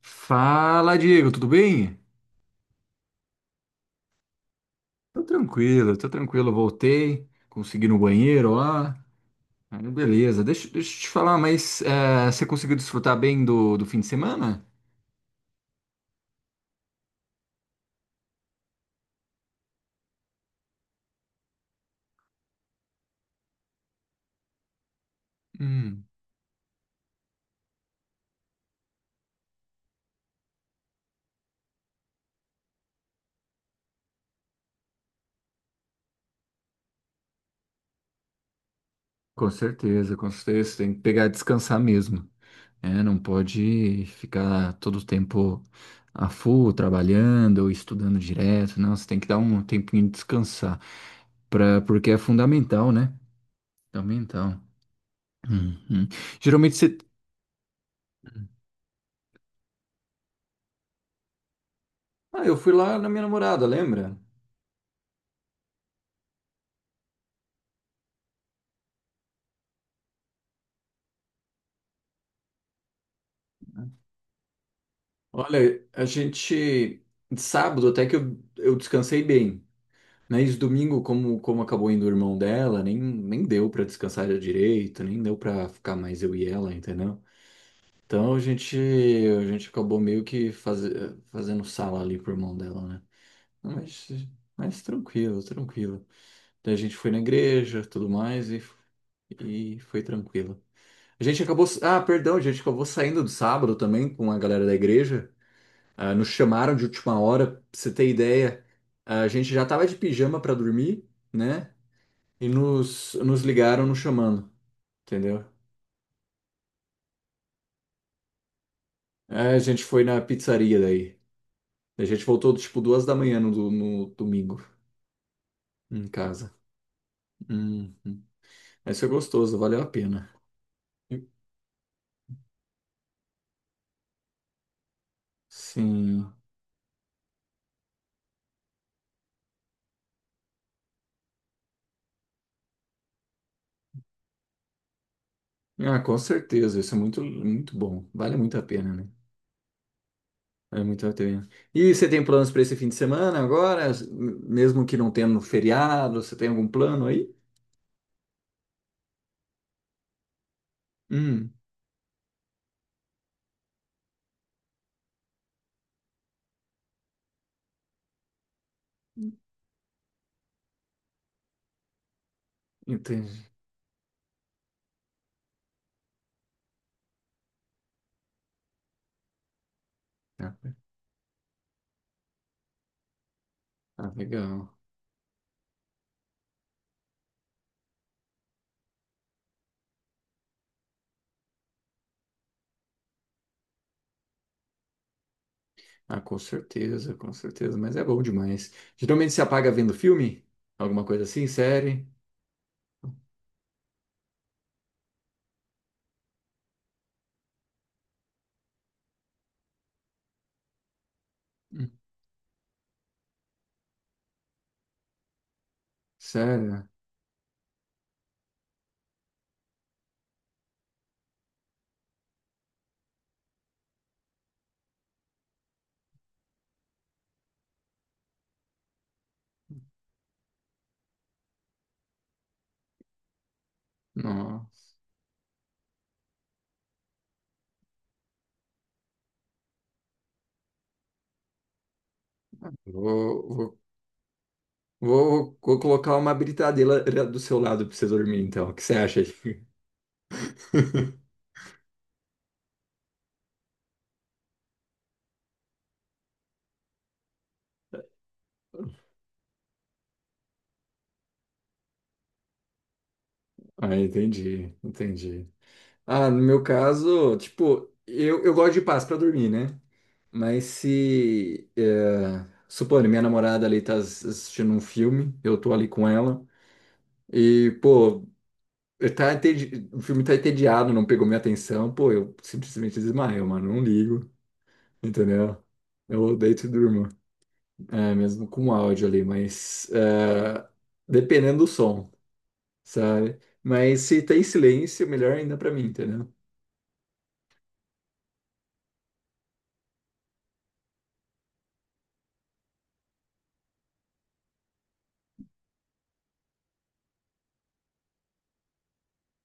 Fala, Diego, tudo bem? Tô tranquilo, tô tranquilo. Voltei, consegui ir no banheiro lá. Aí, beleza, deixa eu te falar, mas você conseguiu desfrutar bem do fim de semana? Hum, com certeza, com certeza. Tem que pegar e descansar mesmo. É, não pode ficar todo o tempo a full, trabalhando ou estudando direto. Não, você tem que dar um tempinho de descansar, porque é fundamental, né? É fundamental. Uhum. Geralmente você Ah, eu fui lá na minha namorada, lembra? Olha, a gente. De sábado até que eu descansei bem. Mas domingo, como acabou indo o irmão dela, nem deu pra descansar direito, nem deu pra ficar mais eu e ela, entendeu? Então a gente acabou meio que fazendo sala ali pro irmão dela, né? Mas, mas tranquilo, tranquilo. Daí a gente foi na igreja, tudo mais, e foi tranquilo. A gente acabou. Ah, perdão, a gente acabou saindo do sábado também com a galera da igreja. Ah, nos chamaram de última hora, pra você ter ideia. Ah, a gente já tava de pijama pra dormir, né? E nos ligaram nos chamando, entendeu? Aí a gente foi na pizzaria daí. A gente voltou tipo 2 da manhã no domingo em casa. Hum, hum. Mas foi gostoso, valeu a pena. Sim. Ah, com certeza, isso é muito, muito bom. Vale muito a pena, né? É muito ateu. E você tem planos para esse fim de semana agora? Mesmo que não tenha no feriado, você tem algum plano aí? Hum, entendi. Ah, ah, legal. Ah, com certeza, com certeza. Mas é bom demais. Geralmente se apaga vendo filme? Alguma coisa assim? Série? Hum, sério? Nossa. Vou, vou, vou colocar uma britadeira do seu lado para você dormir, então. O que você acha aí? Ah, entendi, entendi. Ah, no meu caso, tipo, eu gosto de paz pra dormir, né? Mas se, é, supondo, minha namorada ali tá assistindo um filme, eu tô ali com ela, e, pô, o filme tá entediado, não pegou minha atenção, pô, eu simplesmente desmaio, mano, não ligo, entendeu? Eu deito e durmo, é, mesmo com áudio ali, mas é, dependendo do som, sabe? Mas se tem silêncio, melhor ainda pra mim, entendeu?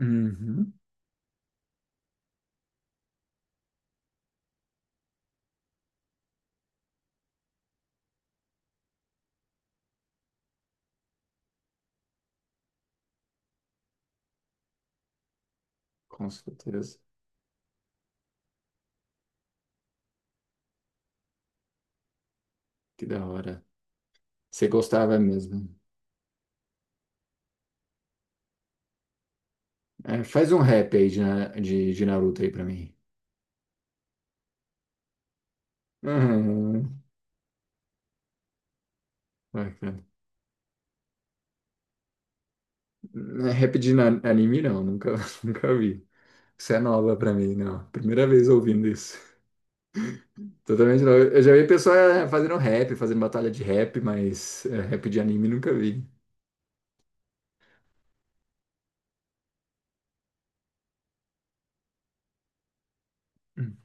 Uhum, com certeza. Que da hora. Você gostava mesmo. É, faz um rap aí de Naruto aí pra mim. Uhum. Vai, não é rap de anime não, nunca, nunca vi. Isso é nova pra mim, não. Primeira vez ouvindo isso. Totalmente novo. Eu já vi pessoa fazendo rap, fazendo batalha de rap, mas é, rap de anime nunca vi. Hum.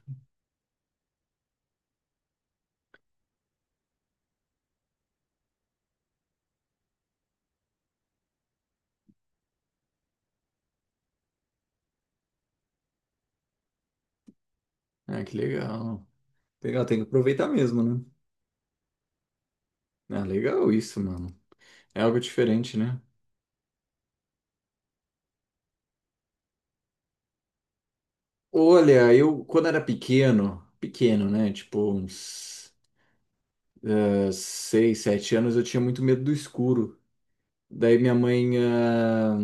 Ah, que legal. Legal, tem que aproveitar mesmo, né? Ah, legal isso, mano. É algo diferente, né? Olha, eu quando era pequeno, pequeno, né? Tipo uns 6, 7 anos, eu tinha muito medo do escuro. Daí minha mãe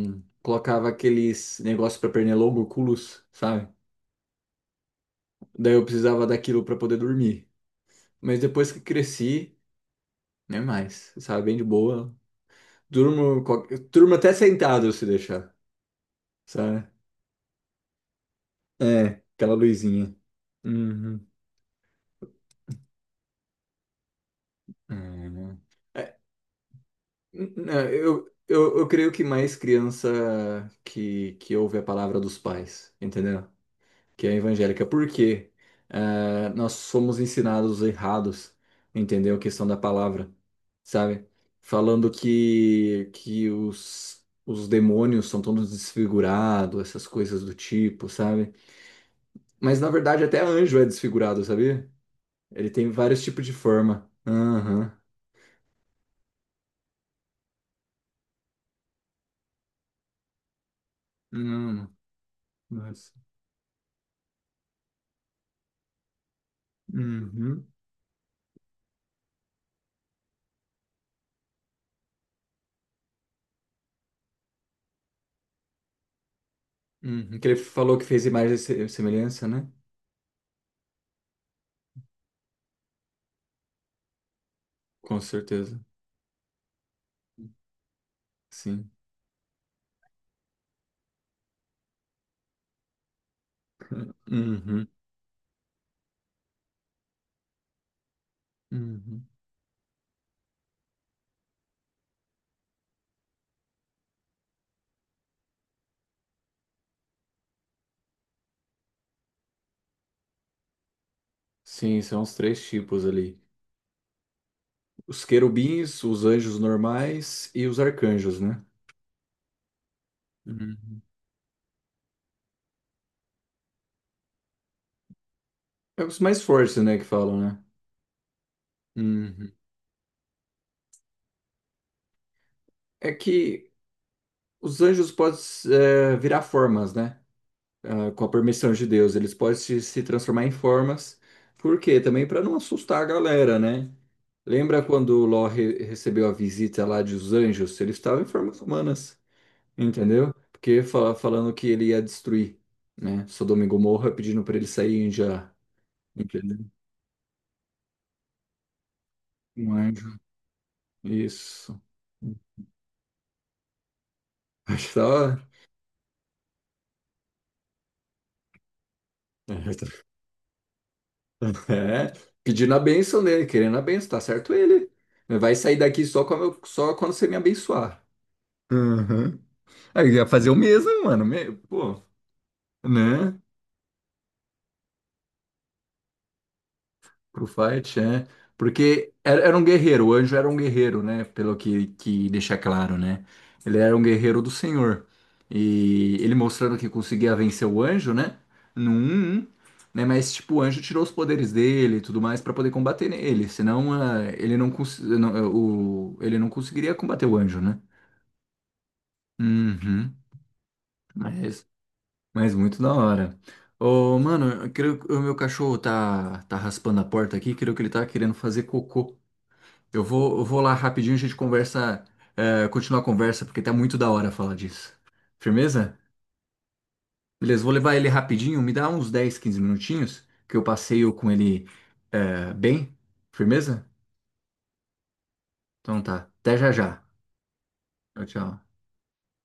colocava aqueles negócios para pernilongo, oculus, sabe? Daí eu precisava daquilo para poder dormir. Mas depois que cresci, nem mais, sabe? Bem de boa. Durmo, durmo até sentado se deixar, sabe? É, aquela luzinha. Uhum. Uhum. É, eu creio que mais criança que ouve a palavra dos pais, entendeu? Que é evangélica, porque nós somos ensinados errados, entendeu? A questão da palavra, sabe? Falando que os demônios são todos desfigurados, essas coisas do tipo, sabe? Mas na verdade até anjo é desfigurado, sabia? Ele tem vários tipos de forma. Aham. Hum, nossa. Uhum. Uhum. Que ele falou que fez imagem e semelhança, né? Com certeza. Sim. Uhum. Uhum. Sim, são os três tipos ali. Os querubins, os anjos normais e os arcanjos, né? Uhum. É os mais fortes, né, que falam, né? Uhum. É que os anjos podem virar formas, né? Ah, com a permissão de Deus, eles podem se transformar em formas. Por quê? Também para não assustar a galera, né? Lembra quando o Ló recebeu a visita lá dos anjos? Eles estavam em formas humanas. Entendeu? Porque falando que ele ia destruir, né? Sodoma e Gomorra, pedindo para ele sair já, entendeu? Um anjo, isso. Acho que tava... É, pedindo a bênção dele, querendo a bênção, tá certo ele. Vai sair daqui só quando, só quando você me abençoar. Uhum. Aí eu ia fazer o mesmo, mano. Pô, né? Pro fight, é. Porque era um guerreiro, o anjo era um guerreiro, né? Pelo que deixa claro, né? Ele era um guerreiro do Senhor. E ele mostrando que conseguia vencer o anjo, né? No 1-1, né? Mas, tipo, o anjo tirou os poderes dele e tudo mais pra poder combater ele, senão, ele não, não, ele não conseguiria combater o anjo, né? Uhum. Mas, mas muito da hora. Ô, mano, eu creio que o meu cachorro tá raspando a porta aqui, creio que ele tá querendo fazer cocô. Eu vou lá rapidinho, a gente conversa, é, continua a conversa, porque tá muito da hora falar disso. Firmeza? Beleza, vou levar ele rapidinho, me dá uns 10, 15 minutinhos, que eu passeio com ele, é, bem. Firmeza? Então tá, até já já. Tchau, tchau.